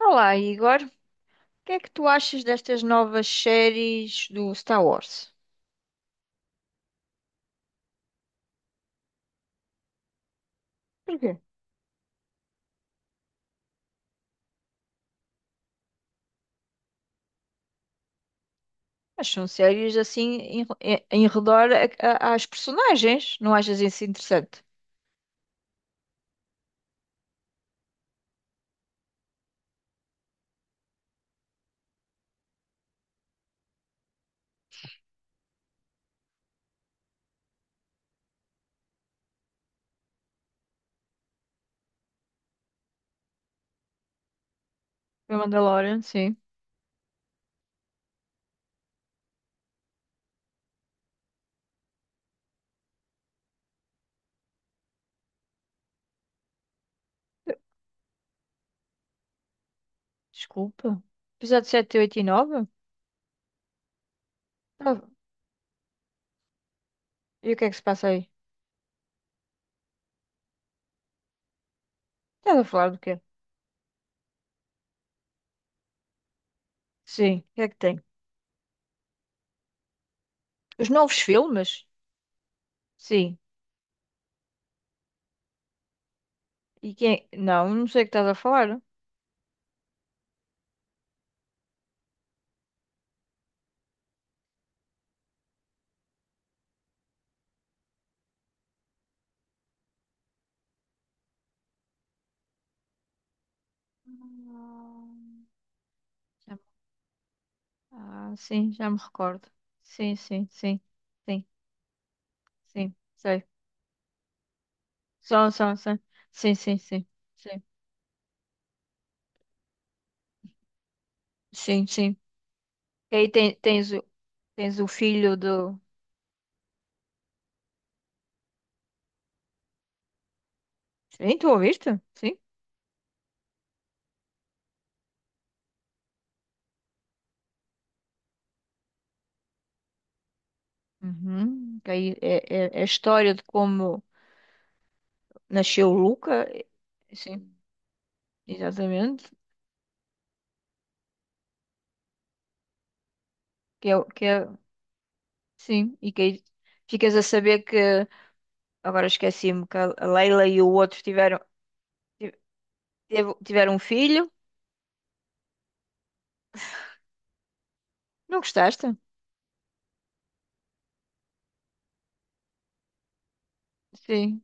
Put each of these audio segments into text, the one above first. Olá, Igor. O que é que tu achas destas novas séries do Star Wars? Porquê? Mas são séries assim em redor às personagens. Não achas isso interessante? O Mandalorian, sim. Desculpa. Episódio 7, 8 e 9. Ah, e o que é que se passa aí? Estás a falar do quê? Sim, o que é que tem? Os novos filmes? Sim. E quem? Não, não sei o que estás a falar. Ah, já- ah, sim, já me recordo. Sim, sim, sim. Sim. Sim, sei. Só, só, só. Sim, sim, sim. Sim, sim, sim. E aí tens o, tens o filho do. Sim, tu ouviste? Sim. Uhum. Que aí é a história de como nasceu o Luca. Sim, exatamente. Que é, o- que é, sim, e que aí ficas a saber que. Agora esqueci-me que a Leila e o outro tiveram, ti- tiveram um filho. Não gostaste? Sim,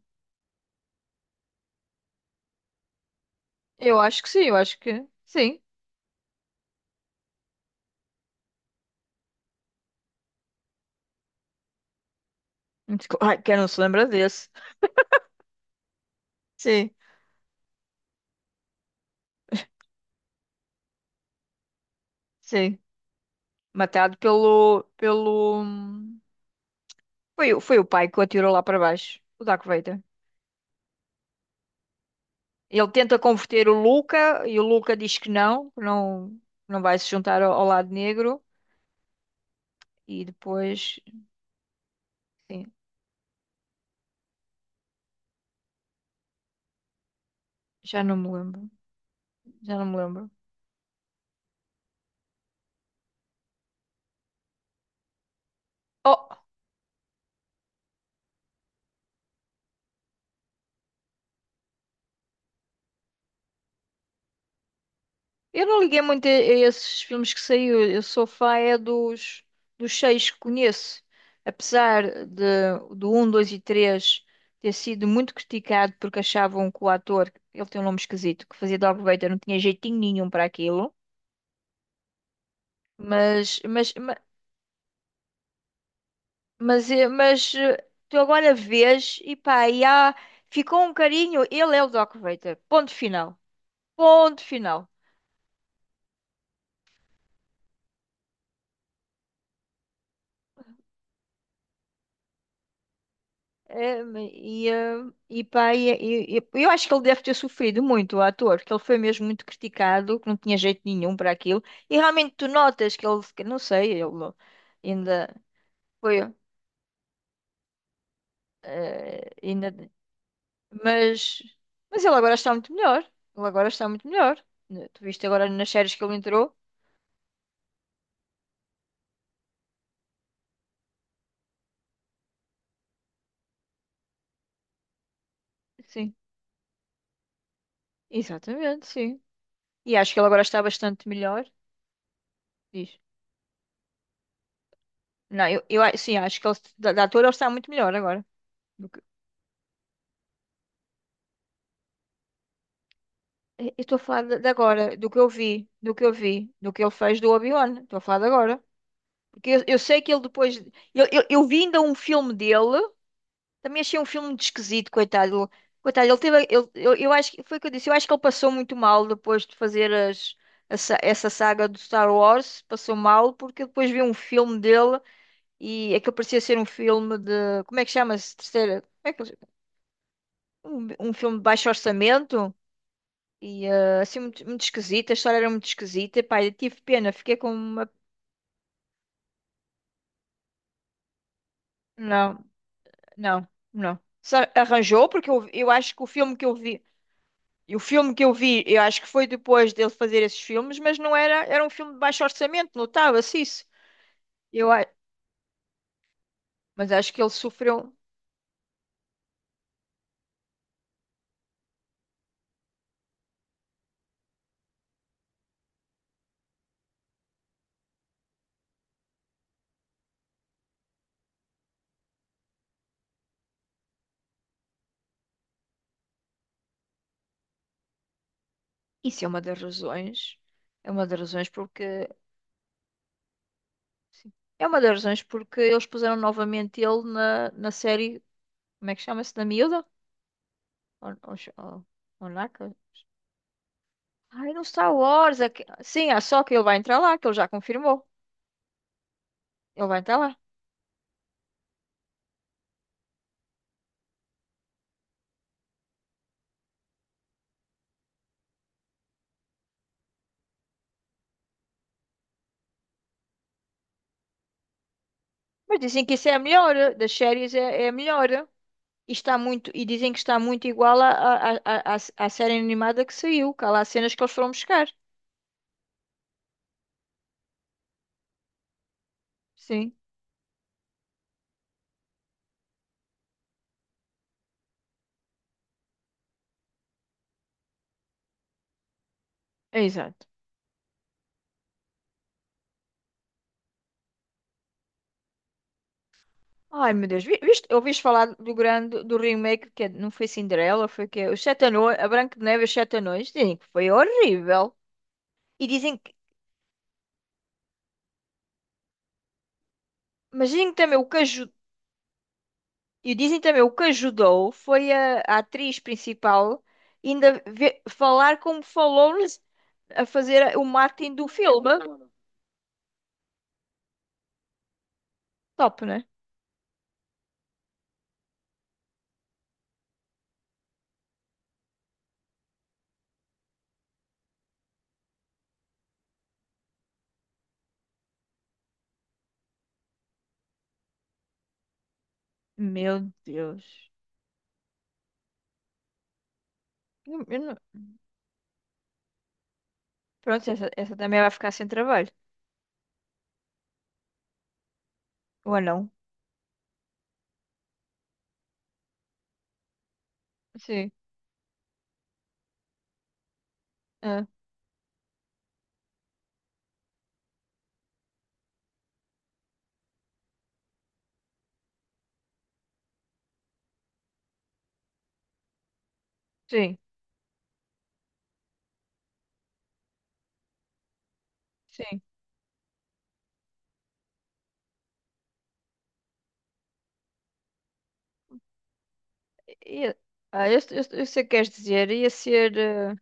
eu acho que sim, eu acho que sim. Ai, quem não se lembra desse? Sim. Sim, matado pelo, pelo... Foi o pai que o atirou lá para baixo, o Darth Vader. Ele tenta converter o Luca e o Luca diz que não, não vai se juntar ao, ao lado negro. E depois, sim, já não me lembro, já não me lembro. Oh, eu não liguei muito a esses filmes que saiu. Eu sou fã é dos, dos seis que conheço. Apesar de, do um, 2 e 3 ter sido muito criticado porque achavam que o ator, ele tem um nome esquisito, que fazia Darth Vader, não tinha jeitinho nenhum para aquilo. Mas, mas, ma- mas, tu agora vês e pá, e há, ficou um carinho. Ele é o Darth Vader. Ponto final. Ponto final. É, e, eh, e eu acho que ele deve ter sofrido muito, o ator, porque ele foi mesmo muito criticado, que não tinha jeito nenhum para aquilo. E realmente tu notas que ele, que não sei, ele ainda foi, ainda, mas, mas ele agora está muito melhor. Ele agora está muito melhor. Né? Tu viste agora nas séries que ele entrou? Sim, exatamente, sim. E acho que ele agora está bastante melhor. Diz. Não, sim, acho que ele, da, da ator ele está muito melhor agora. Eu estou a falar de agora, do que eu vi, do que eu vi, do que ele fez do Obi-Wan. Estou a falar de agora. Porque eu sei que ele depois. Eu vi ainda um filme dele, também achei um filme muito esquisito, coitado. Coitado, ele teve. Ele, eu acho que foi o que eu disse, eu acho que ele passou muito mal depois de fazer as, essa saga do Star Wars. Passou mal, porque eu depois vi um filme dele e aquilo parecia ser um filme de. Como é que chama-se? Terceira. Como é que, eles- um filme de baixo orçamento. E eh, assim, muito, muito esquisita. A história era muito esquisita. Pá, eu tive pena, fiquei com uma. Não, não, não. Só arranjou, porque eu acho que o filme que eu vi. E o filme que eu vi, eu acho que foi depois dele fazer esses filmes, mas não era. Era um filme de baixo orçamento, notava-se isso. Eu, a- mas acho que ele sofreu. Isso é uma das razões. É uma das razões porque. Sim, é uma das razões porque eles puseram novamente ele na, na série. Como é que chama-se? Da Miúda? On, on, Ai, no Star Wars. Sim, é só que ele vai entrar lá, que ele já confirmou. Ele vai entrar lá. Mas dizem que isso é a melhor, eh, das séries é, é a melhor. Eh. E está muito, e dizem que está muito igual à série animada que saiu, que há lá cenas que eles foram buscar. Sim, é exato. Ai, meu Deus, viste, ouviste falar do grande, do remake, não foi Cinderela, foi que é, Os Sete Anões, a Branca de Neve e os Sete Anões, dizem que foi horrível. E dizem que, mas dizem que também o que ajudou. E dizem também, o que ajudou foi a atriz principal falar como falou-nos a fazer o marketing do filme. Top, né? Meu Deus. Eu não- Pronto, essa também vai ficar sem trabalho. Ou não? Sim. Ah, sim. Sim. E- ah, eu sei o que queres dizer. Ia ser... eh,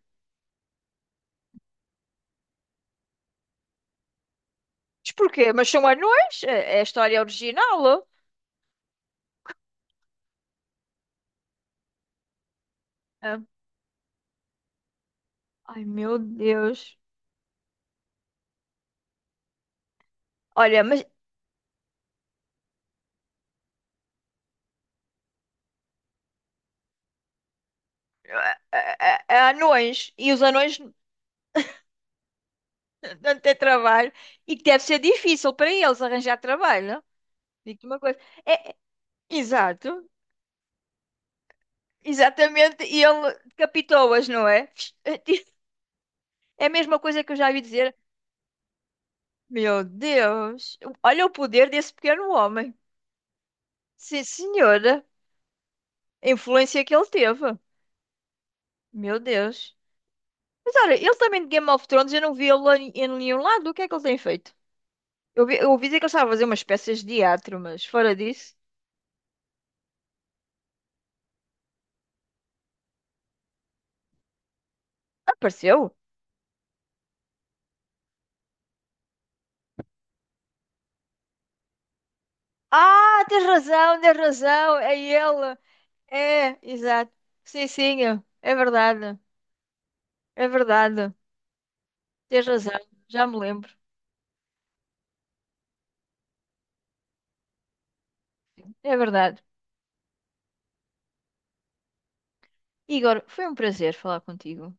mas porquê? Mas são anões? É é a história original. Ah, ai, meu Deus. Olha, mas ah, ah, ah, ah, anões. E os anões. Não ter trabalho. E que deve ser difícil para eles arranjar trabalho, não? Digo-te uma coisa. É, é- exato. Exatamente. E ele decapitou-as, não é? É a mesma coisa que eu já ouvi dizer. Meu Deus. Olha o poder desse pequeno homem. Sim, senhora. A influência que ele teve. Meu Deus. Mas olha, ele também de Game of Thrones, eu não vi ele em em nenhum lado. O que é que ele tem feito? Eu ouvi dizer que ele estava a fazer umas peças de teatro, mas fora disso, apareceu. Ah, tens razão, tens razão. É ele. É, exato. Sim, sim, é é verdade. É verdade. Tens razão. Já me lembro. É verdade. Igor, foi um prazer falar contigo.